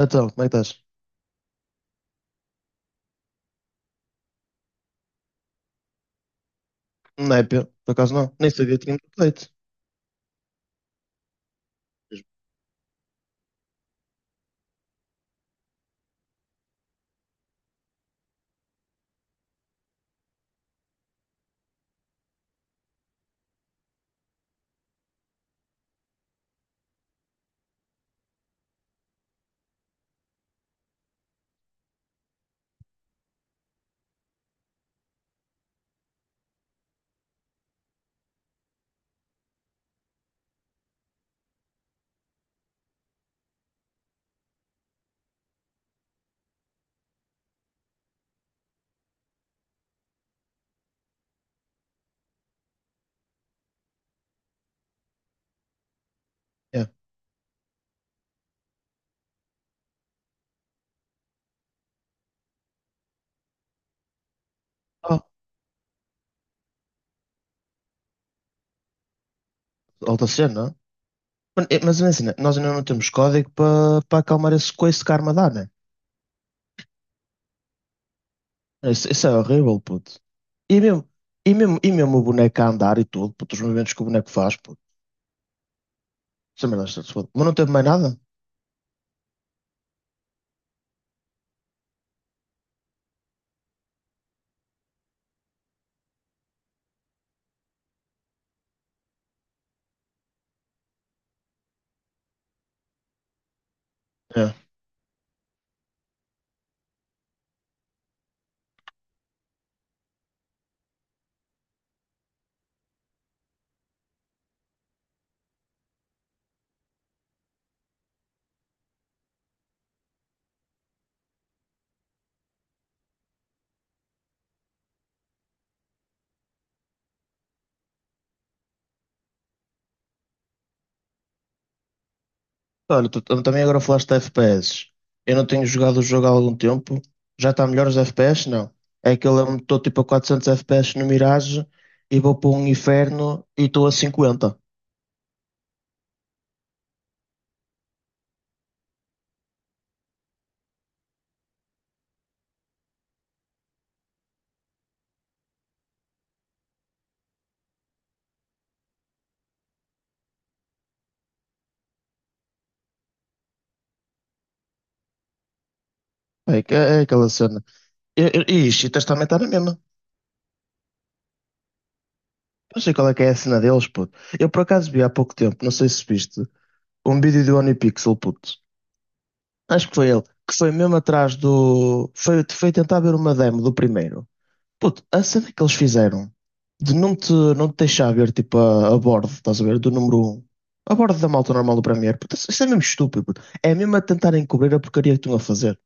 Então, como é que estás? Não é, Pedro? Por acaso não. Nem sabia que tínhamos update. É. Ah, alta cena. Mas é assim, né? Nós ainda não temos código para acalmar esse coice que a arma dá, né? Isso é horrível, puto. E mesmo, e mesmo o boneco a andar e tudo, puto, os movimentos que o boneco faz, puto. Isso é merda, se foda. Mas não teve mais nada? É. Olha, tu também agora falaste de FPS. Eu não tenho jogado o jogo há algum tempo. Já está melhor os FPS? Não. É que eu lembro-me, estou tipo a 400 FPS no Mirage e vou para um inferno e estou a 50. É, é aquela cena. E isto cheaters também está na mesma. Não sei qual é que é a cena deles, puto. Eu por acaso vi há pouco tempo, não sei se viste, um vídeo do OnePixel, puto. Acho que foi ele. Que foi mesmo atrás do. Foi tentar ver uma demo do primeiro. Puto, a cena que eles fizeram de não te deixar ver tipo a bordo, estás a ver, do número um, a bordo da malta normal do Premier, puto, isso é mesmo estúpido, puto. É mesmo a tentarem cobrir a porcaria que estão a fazer.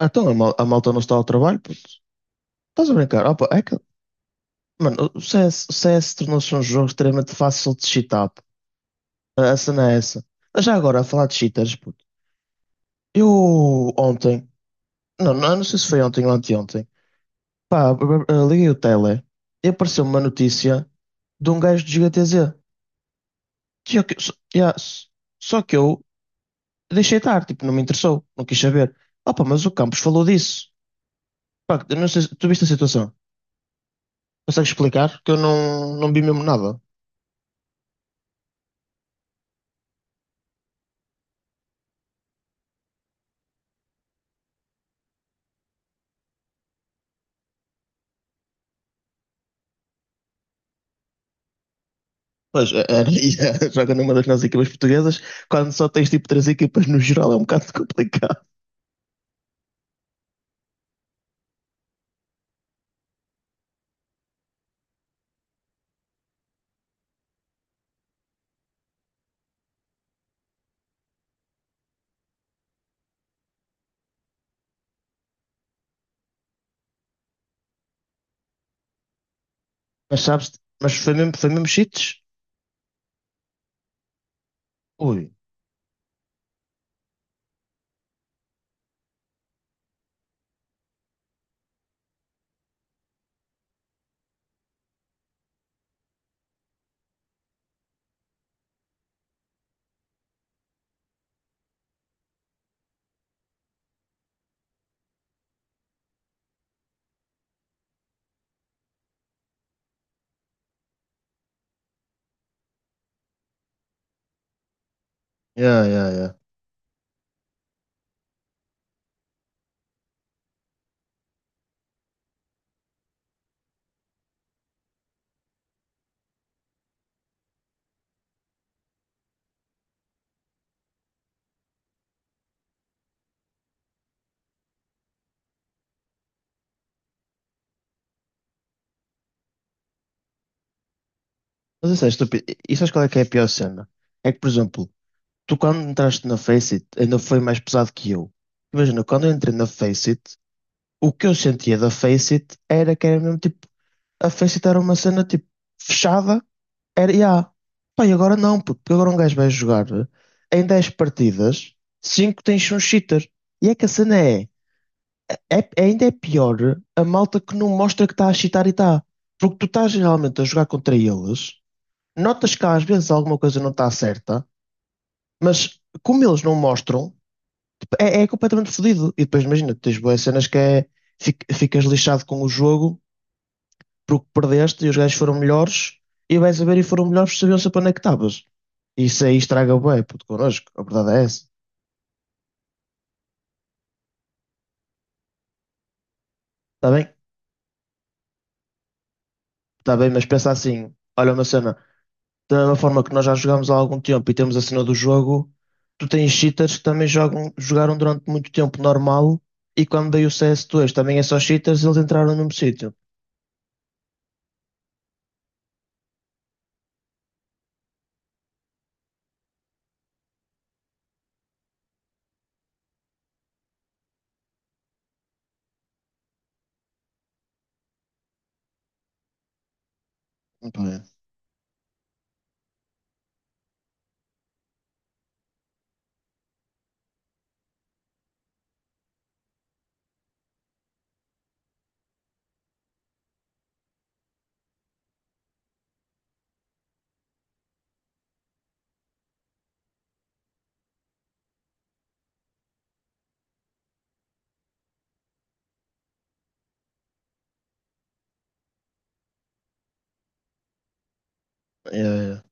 Então a malta não está ao trabalho, puto. Estás a brincar? Opa, é que, mano, o CS tornou-se um jogo extremamente fácil de cheatar, puto. A cena é essa. Mas já agora, a falar de cheaters, puto. Eu ontem, não, não, não sei se foi ontem ou anteontem, pá, liguei o tele e apareceu uma notícia de um gajo de GTZ. Só, yeah, só que eu deixei estar, tipo, não me interessou, não quis saber. Opa, mas o Campos falou disso. Pá, eu não sei, tu viste a situação? Consegues explicar? Que eu não vi mesmo nada. Pois, é, e, é, joga numa das nossas equipas portuguesas, quando só tens tipo três equipas no geral é um bocado complicado. Mas sabes, mas foi mesmo cheats? Ui, yeah, yeah, yeah. Mas isso é estúpido. E sabes qual é que é a pior cena? É que, por exemplo, tu quando entraste na Faceit ainda foi mais pesado que eu. Imagina, quando eu entrei na Faceit. O que eu sentia da Face It era que era mesmo tipo, a Face It era uma cena tipo fechada, era ya. Pá, e agora não, puto, porque agora um gajo vai jogar em 10 partidas, 5 tens um cheater. E é que a cena é, ainda é pior a malta que não mostra que está a cheatar e está. Porque tu estás geralmente a jogar contra eles, notas que às vezes alguma coisa não está certa, mas como eles não mostram, tipo, é completamente fodido. E depois imagina, tens boas cenas que é, ficas lixado com o jogo porque perdeste e os gajos foram melhores e vais a ver e foram melhores, sabiam-se para onde é que estavas. Isso aí estraga o bué, puto, connosco. A verdade é essa. Está bem? Está bem, mas pensa assim. Olha uma cena. Da mesma forma que nós já jogamos há algum tempo e temos a cena do jogo, tu tens cheaters que também jogam, jogaram durante muito tempo normal e quando veio o CS2 também é só cheaters, eles entraram no mesmo sítio. Pá, é- é,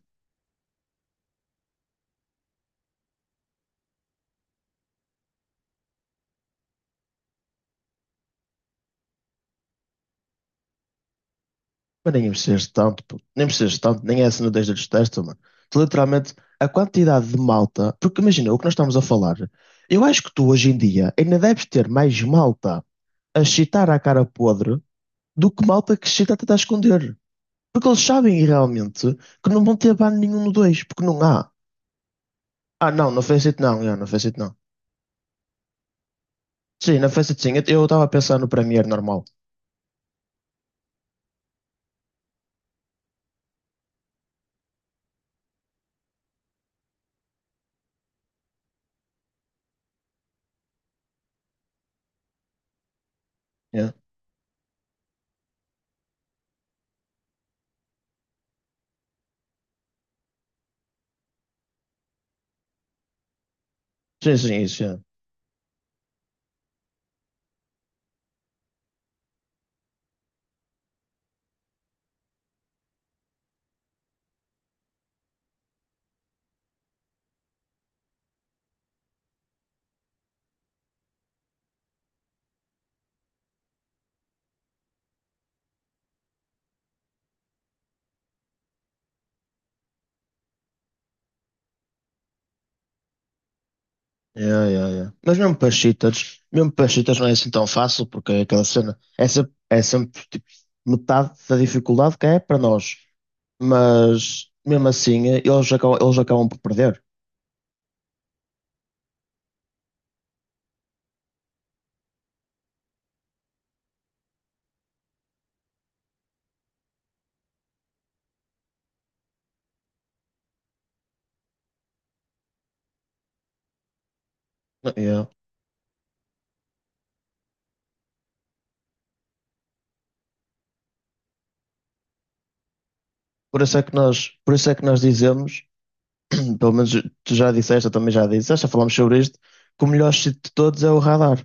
mas nem precisas de tanto, pô. Nem precisas de tanto, nem é assim no desde dos testes, mano. Tu, literalmente, a quantidade de malta. Porque imagina, o que nós estamos a falar. Eu acho que tu hoje em dia ainda deves ter mais malta a chitar à cara podre do que malta que chita a tentar esconder. Porque eles sabem realmente que não vão ter ban nenhum no 2 porque não há. Ah, não, não fez it não, yeah, não fez it não. Sim, não fez it sim. Eu estava a pensar no Premiere normal. Yeah. Sim, sim, isso, yeah. Yeah, yeah, yeah. Mas mesmo para cheaters não é assim tão fácil, porque é aquela cena, é sempre tipo, metade da dificuldade que é para nós. Mas mesmo assim, eles acabam por perder. Yeah. Por isso é que nós, por isso é que nós dizemos, pelo menos tu já disseste, eu também já disse, já falámos sobre isto, que o melhor sítio de todos é o radar,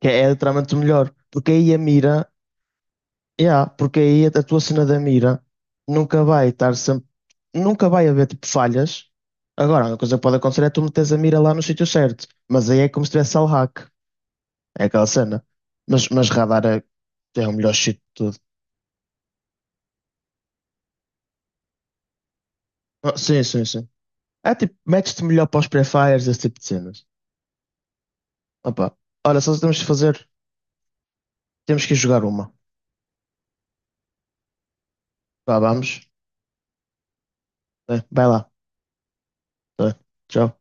que é literalmente o melhor, porque aí a mira, yeah, porque aí a tua cena da mira nunca vai estar sempre, nunca vai haver tipo falhas. Agora, uma coisa que pode acontecer é tu meteres a mira lá no sítio certo, mas aí é como se tivesse al hack, é aquela cena. Mas radar é o melhor sítio de tudo. Ah, sim, sim, sim. É tipo, metes-te melhor para os pré-fires, esse tipo de cenas. Opa. Olha, só temos que fazer. Temos que ir jogar uma. Vá, vamos. Vai lá. Tá bem. Tchau.